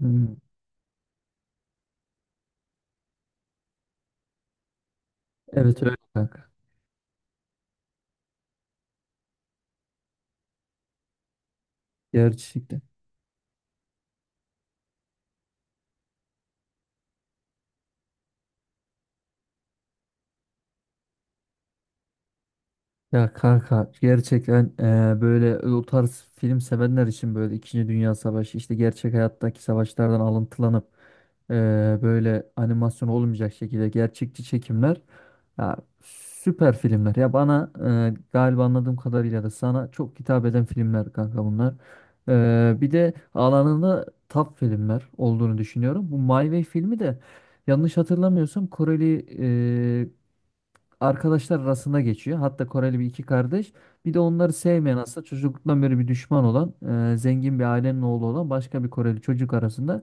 Hmm, Evet öyle kanka. Gerçekten. Ya kanka gerçekten böyle o tarz film sevenler için böyle İkinci Dünya Savaşı işte gerçek hayattaki savaşlardan alıntılanıp eee, böyle animasyon olmayacak şekilde gerçekçi çekimler ya süper filmler. Ya bana galiba anladığım kadarıyla da sana çok hitap eden filmler kanka bunlar. Bir de alanında top filmler olduğunu düşünüyorum. Bu My Way filmi de yanlış hatırlamıyorsam Koreli e, arkadaşlar arasında geçiyor. Hatta Koreli bir iki kardeş. Bir de onları sevmeyen aslında çocukluktan beri bir düşman olan zengin bir ailenin oğlu olan başka bir Koreli çocuk arasında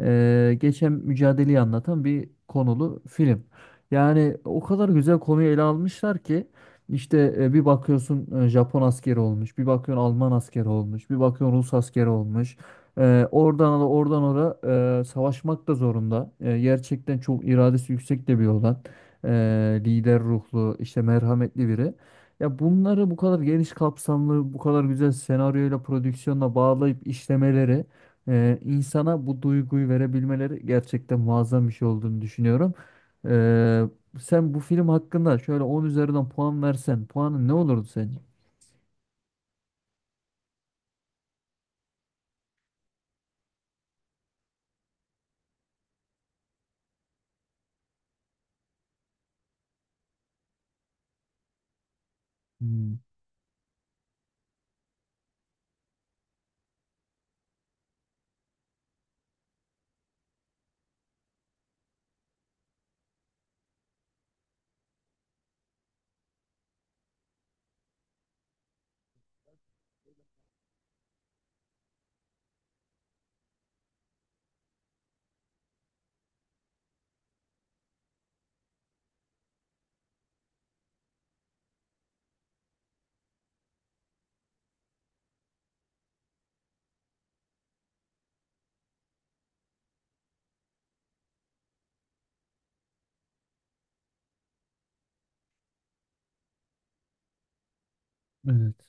geçen mücadeleyi anlatan bir konulu film. Yani o kadar güzel konuyu ele almışlar ki işte bir bakıyorsun Japon askeri olmuş, bir bakıyorsun Alman askeri olmuş, bir bakıyorsun Rus askeri olmuş. Oradan da oradan oraya savaşmak da zorunda. Gerçekten çok iradesi yüksek de bir olan lider ruhlu, işte merhametli biri. Ya bunları bu kadar geniş kapsamlı, bu kadar güzel senaryoyla, prodüksiyonla bağlayıp işlemeleri, insana bu duyguyu verebilmeleri gerçekten muazzam bir şey olduğunu düşünüyorum. Eee, Sen bu film hakkında şöyle 10 üzerinden puan versen, puanın ne olurdu sence? Hmm, evet.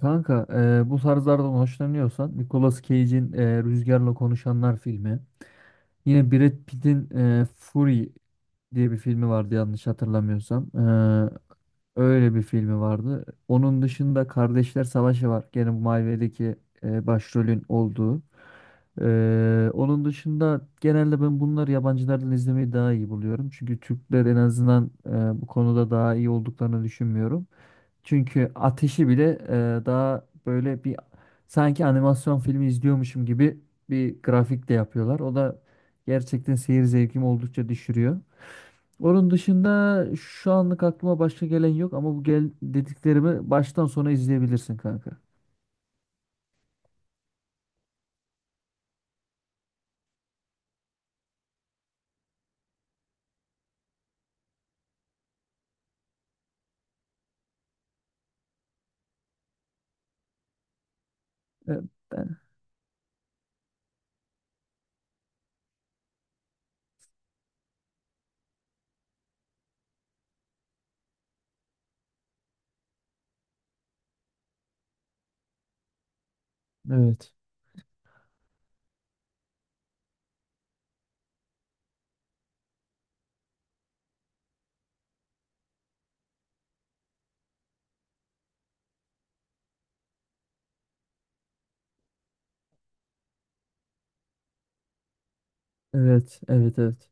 Kanka, bu tarzlardan hoşlanıyorsan Nicolas Cage'in Rüzgarla Konuşanlar filmi. Yine Brad Pitt'in Fury diye bir filmi vardı yanlış hatırlamıyorsam. Öyle bir filmi vardı. Onun dışında Kardeşler Savaşı var. Gene Marvel'deki başrolün olduğu. Onun dışında genelde ben bunları yabancılardan izlemeyi daha iyi buluyorum. Çünkü Türkler en azından bu konuda daha iyi olduklarını düşünmüyorum. Çünkü ateşi bile daha böyle bir sanki animasyon filmi izliyormuşum gibi bir grafik de yapıyorlar. O da gerçekten seyir zevkimi oldukça düşürüyor. Onun dışında şu anlık aklıma başka gelen yok ama bu gel dediklerimi baştan sona izleyebilirsin kanka. E, ben- Evet. Evet, evet, evet.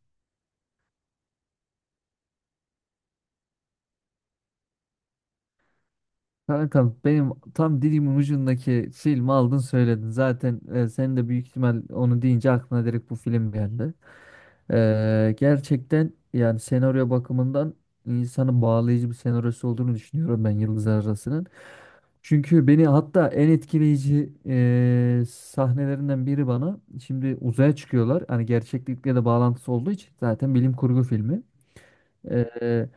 Kankam benim tam dilimin ucundaki filmi aldın söyledin. Zaten sen de büyük ihtimal onu deyince aklına direkt bu film geldi. Gerçekten yani senaryo bakımından insanı bağlayıcı bir senaryosu olduğunu düşünüyorum ben Yıldızlar Arası'nın. Çünkü beni hatta en etkileyici sahnelerinden biri bana şimdi uzaya çıkıyorlar. Hani gerçeklikle de bağlantısı olduğu için zaten bilim kurgu filmi. Ee,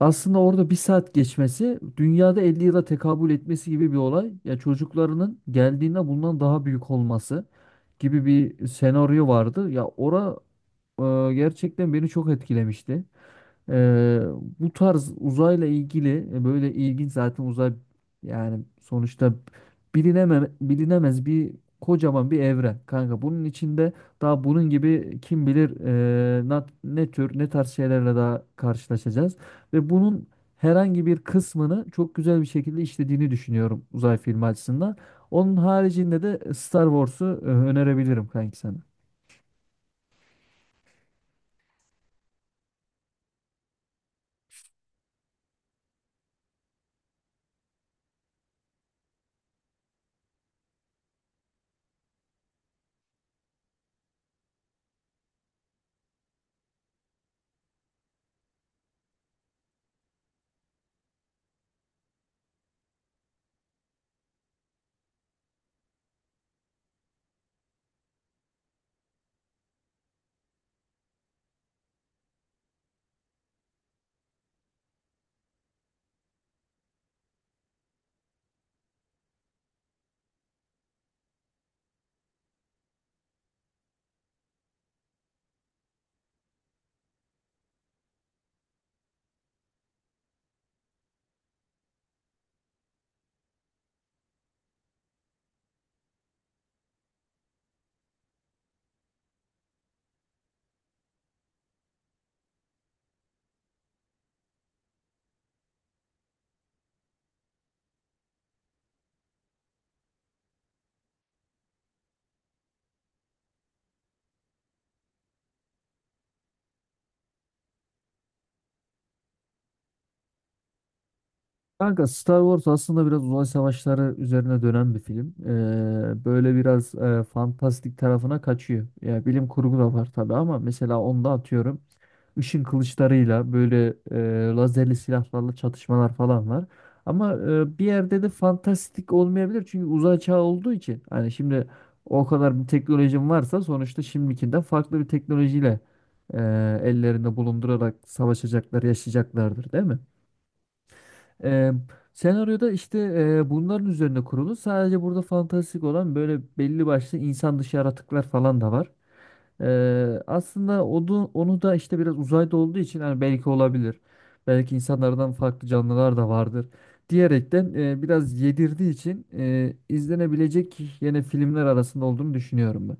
Aslında orada bir saat geçmesi dünyada 50 yıla tekabül etmesi gibi bir olay. Ya çocuklarının geldiğinde bundan daha büyük olması gibi bir senaryo vardı. Ya gerçekten beni çok etkilemişti. Ee, Bu tarz uzayla ilgili böyle ilginç zaten uzay yani sonuçta bilinemez bir kocaman bir evren kanka. Bunun içinde daha bunun gibi kim bilir ne tür ne tarz şeylerle daha karşılaşacağız ve bunun herhangi bir kısmını çok güzel bir şekilde işlediğini düşünüyorum uzay filmi açısından. Onun haricinde de Star Wars'u önerebilirim kanki sana. Kanka Star Wars aslında biraz uzay savaşları üzerine dönen bir film. Böyle biraz fantastik tarafına kaçıyor. Ya bilim kurgu da var tabii ama mesela onda atıyorum ışın kılıçlarıyla böyle lazerli silahlarla çatışmalar falan var. Ama bir yerde de fantastik olmayabilir çünkü uzay çağı olduğu için. Hani şimdi o kadar bir teknolojin varsa sonuçta şimdikinden farklı bir teknolojiyle e, ellerinde bulundurarak savaşacaklar, yaşayacaklardır, değil mi? Ee, Senaryoda işte bunların üzerine kurulu. Sadece burada fantastik olan böyle belli başlı insan dışı yaratıklar falan da var. Aslında onu da işte biraz uzayda olduğu için hani belki olabilir. Belki insanlardan farklı canlılar da vardır. Diyerekten biraz yedirdiği için izlenebilecek yine filmler arasında olduğunu düşünüyorum ben.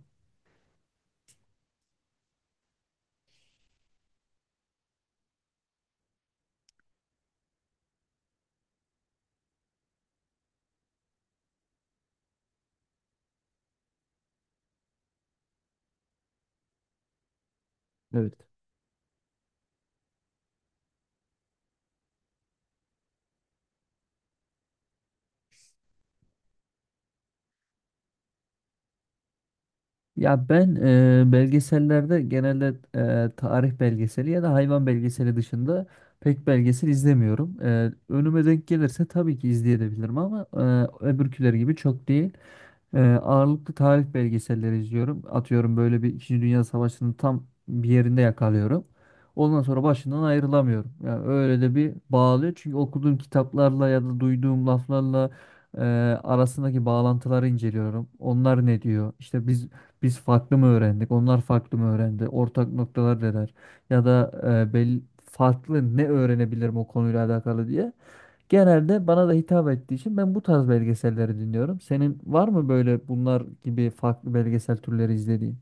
Evet. Ya ben belgesellerde genelde tarih belgeseli ya da hayvan belgeseli dışında pek belgesel izlemiyorum. Önüme denk gelirse tabii ki izleyebilirim ama öbürküleri gibi çok değil. Ağırlıklı tarih belgeselleri izliyorum. Atıyorum böyle bir İkinci Dünya Savaşı'nın tam bir yerinde yakalıyorum. Ondan sonra başından ayrılamıyorum. Yani öyle de bir bağlıyor. Çünkü okuduğum kitaplarla ya da duyduğum laflarla e, arasındaki bağlantıları inceliyorum. Onlar ne diyor? İşte biz farklı mı öğrendik? Onlar farklı mı öğrendi? Ortak noktalar neler? Ya da belli farklı ne öğrenebilirim o konuyla alakalı diye. Genelde bana da hitap ettiği için ben bu tarz belgeselleri dinliyorum. Senin var mı böyle bunlar gibi farklı belgesel türleri izlediğin?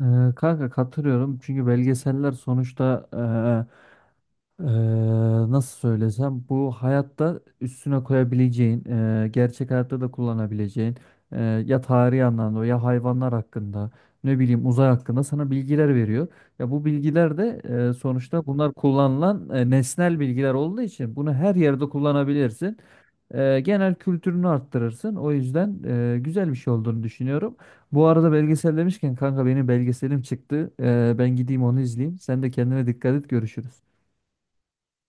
Kanka katılıyorum çünkü belgeseller sonuçta Eee, nasıl söylesem bu hayatta üstüne koyabileceğin, gerçek hayatta da kullanabileceğin ya tarihi anlamda ya hayvanlar hakkında ne bileyim uzay hakkında sana bilgiler veriyor. Ya bu bilgiler de sonuçta bunlar kullanılan nesnel bilgiler olduğu için bunu her yerde kullanabilirsin. Genel kültürünü arttırırsın. O yüzden güzel bir şey olduğunu düşünüyorum. Bu arada belgesel demişken kanka benim belgeselim çıktı. Ben gideyim onu izleyeyim. Sen de kendine dikkat et görüşürüz.